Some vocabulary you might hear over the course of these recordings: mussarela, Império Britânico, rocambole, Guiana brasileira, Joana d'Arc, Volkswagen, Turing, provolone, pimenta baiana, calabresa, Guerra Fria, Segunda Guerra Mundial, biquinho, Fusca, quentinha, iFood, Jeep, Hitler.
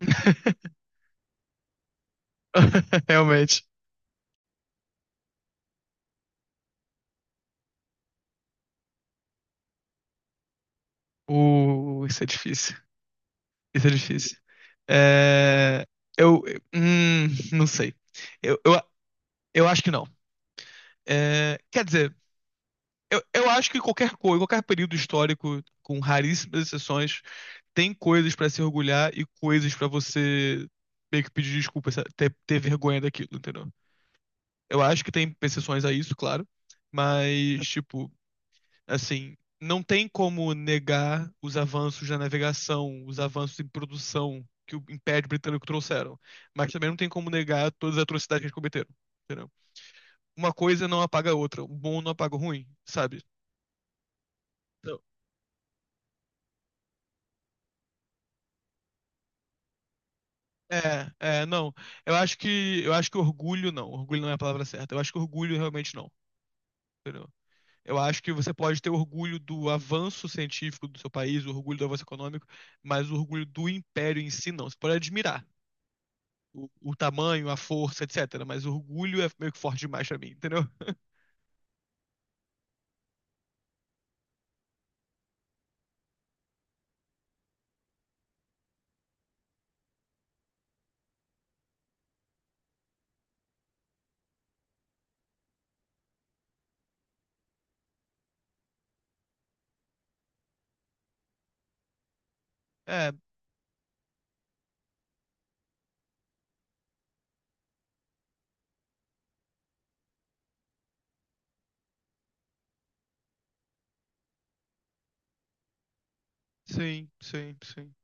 Realmente. Isso é difícil. Isso é difícil. É, eu, não sei. Eu, eu, eu acho que não. É, quer dizer, eu acho que qualquer coisa, qualquer período histórico, com raríssimas exceções, tem coisas pra se orgulhar e coisas pra você meio que pedir desculpa, ter vergonha daquilo, entendeu? Eu acho que tem exceções a isso, claro. Mas, tipo, assim, não tem como negar os avanços na navegação, os avanços em produção que o Império Britânico trouxeram. Mas também não tem como negar todas as atrocidades que eles cometeram. Entendeu? Uma coisa não apaga a outra. O bom não apaga o ruim, sabe? Então, é, é, não. Eu acho que orgulho não. Orgulho não é a palavra certa. Eu acho que orgulho realmente não. Entendeu? Eu acho que você pode ter orgulho do avanço científico do seu país, o orgulho do avanço econômico, mas o orgulho do império em si não. Você pode admirar, o tamanho, a força, etc. Mas o orgulho é meio que forte demais pra mim, entendeu? É, sim, sim, sim.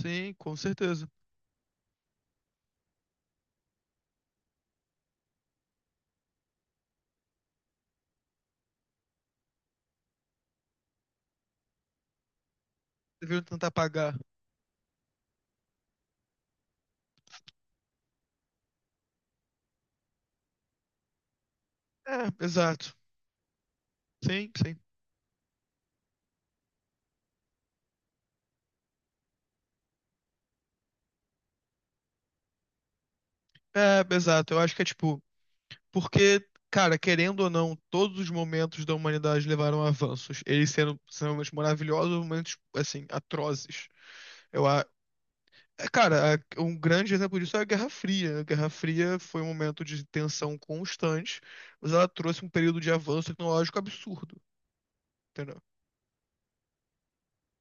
Sim, com certeza. Deveriam tentar pagar. É, exato. Sim, sim. É, exato. Eu acho que é tipo, porque, cara, querendo ou não, todos os momentos da humanidade levaram a avanços. Eles sendo extremamente maravilhosos, momentos, assim, atrozes. Eu, a- É, cara, um grande exemplo disso é a Guerra Fria, né? A Guerra Fria foi um momento de tensão constante, mas ela trouxe um período de avanço tecnológico absurdo, entendeu?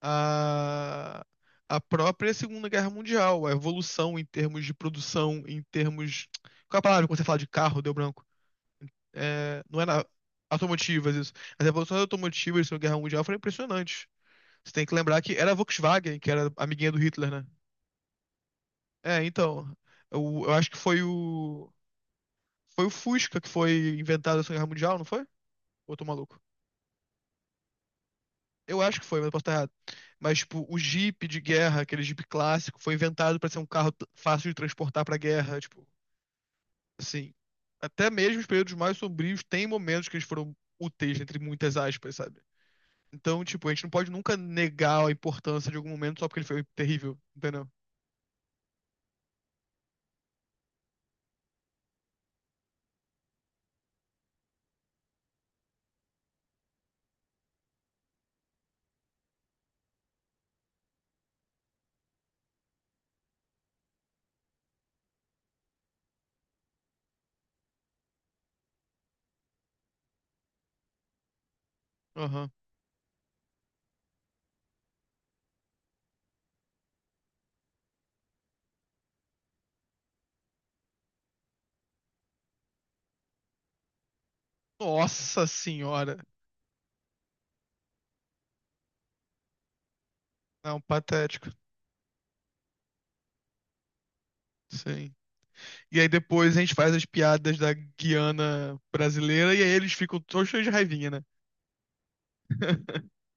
A, a própria Segunda Guerra Mundial, a evolução em termos de produção, em termos... Qual é a palavra quando você fala de carro, deu branco? É, não é na... automotivas isso. As evoluções automotivas da Segunda Guerra Mundial foram impressionantes. Você tem que lembrar que era a Volkswagen, que era amiguinha do Hitler, né? É, então, eu acho que foi o... Foi o Fusca que foi inventado na Segunda Guerra Mundial, não foi? Ou eu tô maluco? Eu acho que foi, mas eu posso estar errado. Mas, tipo, o Jeep de guerra, aquele Jeep clássico, foi inventado pra ser um carro fácil de transportar pra guerra. Tipo, assim. Até mesmo os períodos mais sombrios têm momentos que eles foram úteis, entre muitas aspas, sabe? Então, tipo, a gente não pode nunca negar a importância de algum momento só porque ele foi terrível, entendeu? Aham. Nossa senhora. Não, patético. Sim. E aí depois a gente faz as piadas da Guiana brasileira e aí eles ficam todos cheios de raivinha, né?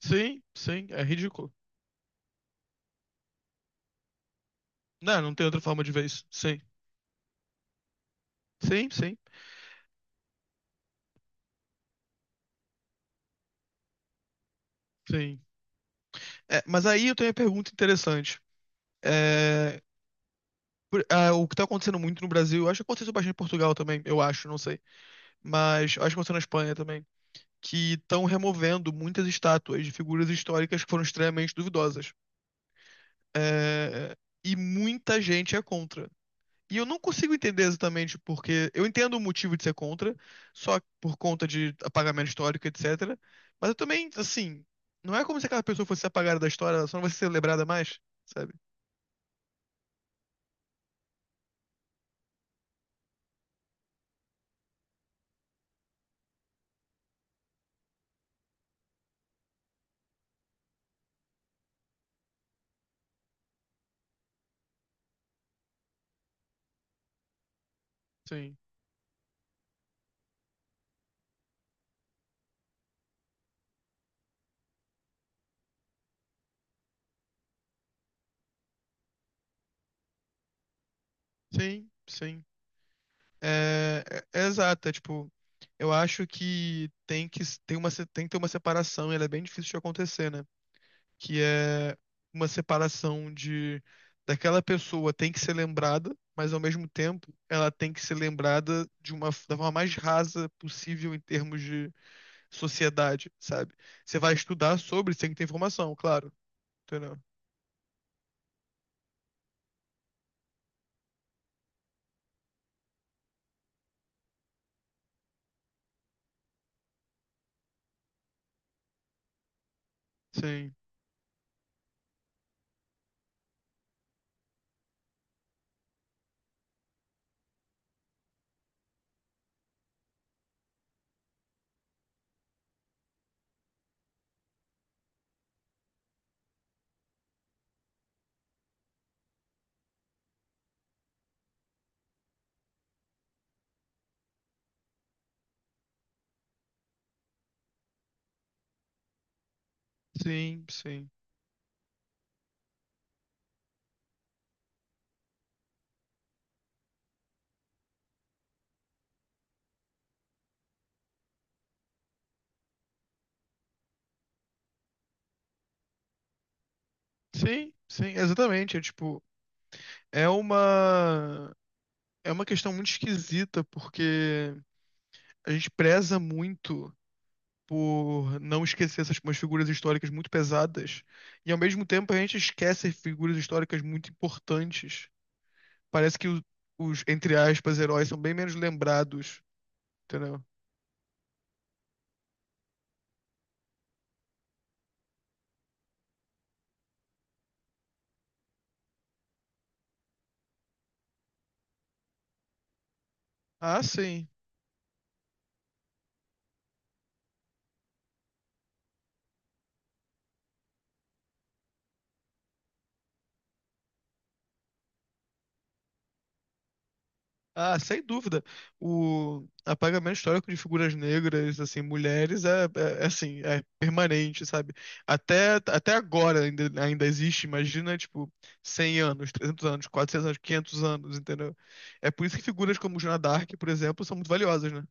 Sim, sim, é ridículo. Não, não tem outra forma de ver isso. Sim, sim, sim, sim. É, mas aí eu tenho uma pergunta interessante. É, ah, o que tá acontecendo muito no Brasil, acho que aconteceu bastante em Portugal também, eu acho, não sei. Mas acho que aconteceu na Espanha também. Que estão removendo muitas estátuas de figuras históricas que foram extremamente duvidosas. É, e muita gente é contra. E eu não consigo entender exatamente porque. Eu entendo o motivo de ser contra, só por conta de apagamento histórico, etc. Mas eu também, assim, não é como se aquela pessoa fosse apagada da história, ela só não vai ser lembrada mais, sabe? Sim, sim, sim. É, é exato, é tipo, eu acho que, tem uma, tem que ter uma separação, e ela é bem difícil de acontecer, né? que é uma separação de daquela pessoa tem que ser lembrada, mas ao mesmo tempo ela tem que ser lembrada de uma da forma mais rasa possível em termos de sociedade, sabe? Você vai estudar sobre, você tem que ter informação, claro, entendeu? Sim, sim, sim. Sim, sim, exatamente, é tipo, é uma é uma questão muito esquisita porque a gente preza muito por não esquecer essas umas figuras históricas muito pesadas. E ao mesmo tempo a gente esquece figuras históricas muito importantes. Parece que os, entre aspas, heróis são bem menos lembrados, entendeu? Ah, sim. Ah, sem dúvida. O apagamento histórico de figuras negras, assim, mulheres, é assim, é permanente, sabe? Até, até agora ainda, ainda existe, imagina, tipo, 100 anos, 300 anos, 400 anos, 500 anos, entendeu? É por isso que figuras como Joana d'Arc, por exemplo, são muito valiosas, né?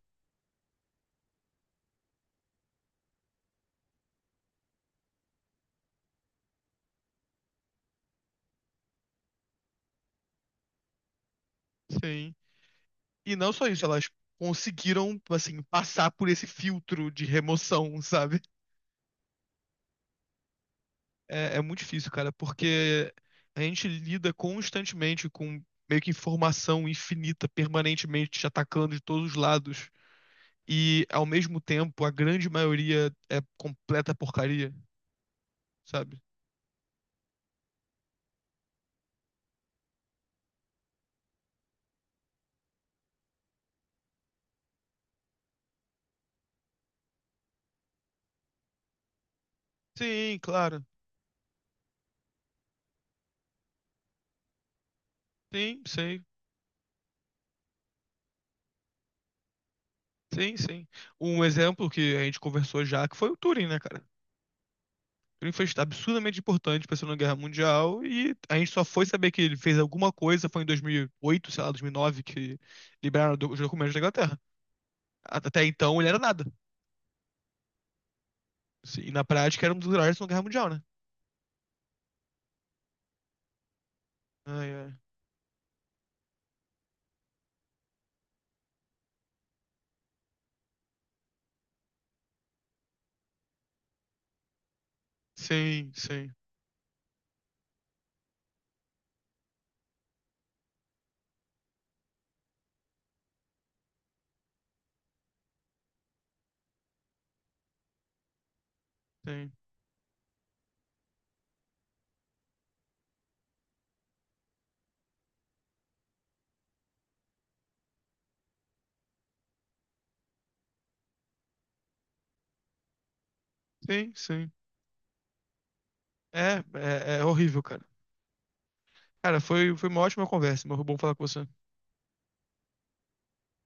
Sim. E não só isso, elas conseguiram, assim, passar por esse filtro de remoção, sabe? É, é muito difícil, cara, porque a gente lida constantemente com meio que informação infinita, permanentemente te atacando de todos os lados. E, ao mesmo tempo, a grande maioria é completa porcaria, sabe? Sim, claro. Sim, sim, sim, sim. Um exemplo que a gente conversou já, que foi o Turing, né, cara? O Turing foi absurdamente importante pra Segunda Guerra Mundial e a gente só foi saber que ele fez alguma coisa, foi em 2008, sei lá, 2009, que liberaram os documentos da Inglaterra. Até então ele era nada. Sim, e na prática era um dos heróis da Segunda Guerra Mundial, né? Ai, ai. Sim, sim, sim. Sim, sim. É horrível, cara. Cara, foi uma ótima conversa, mas foi bom falar com você.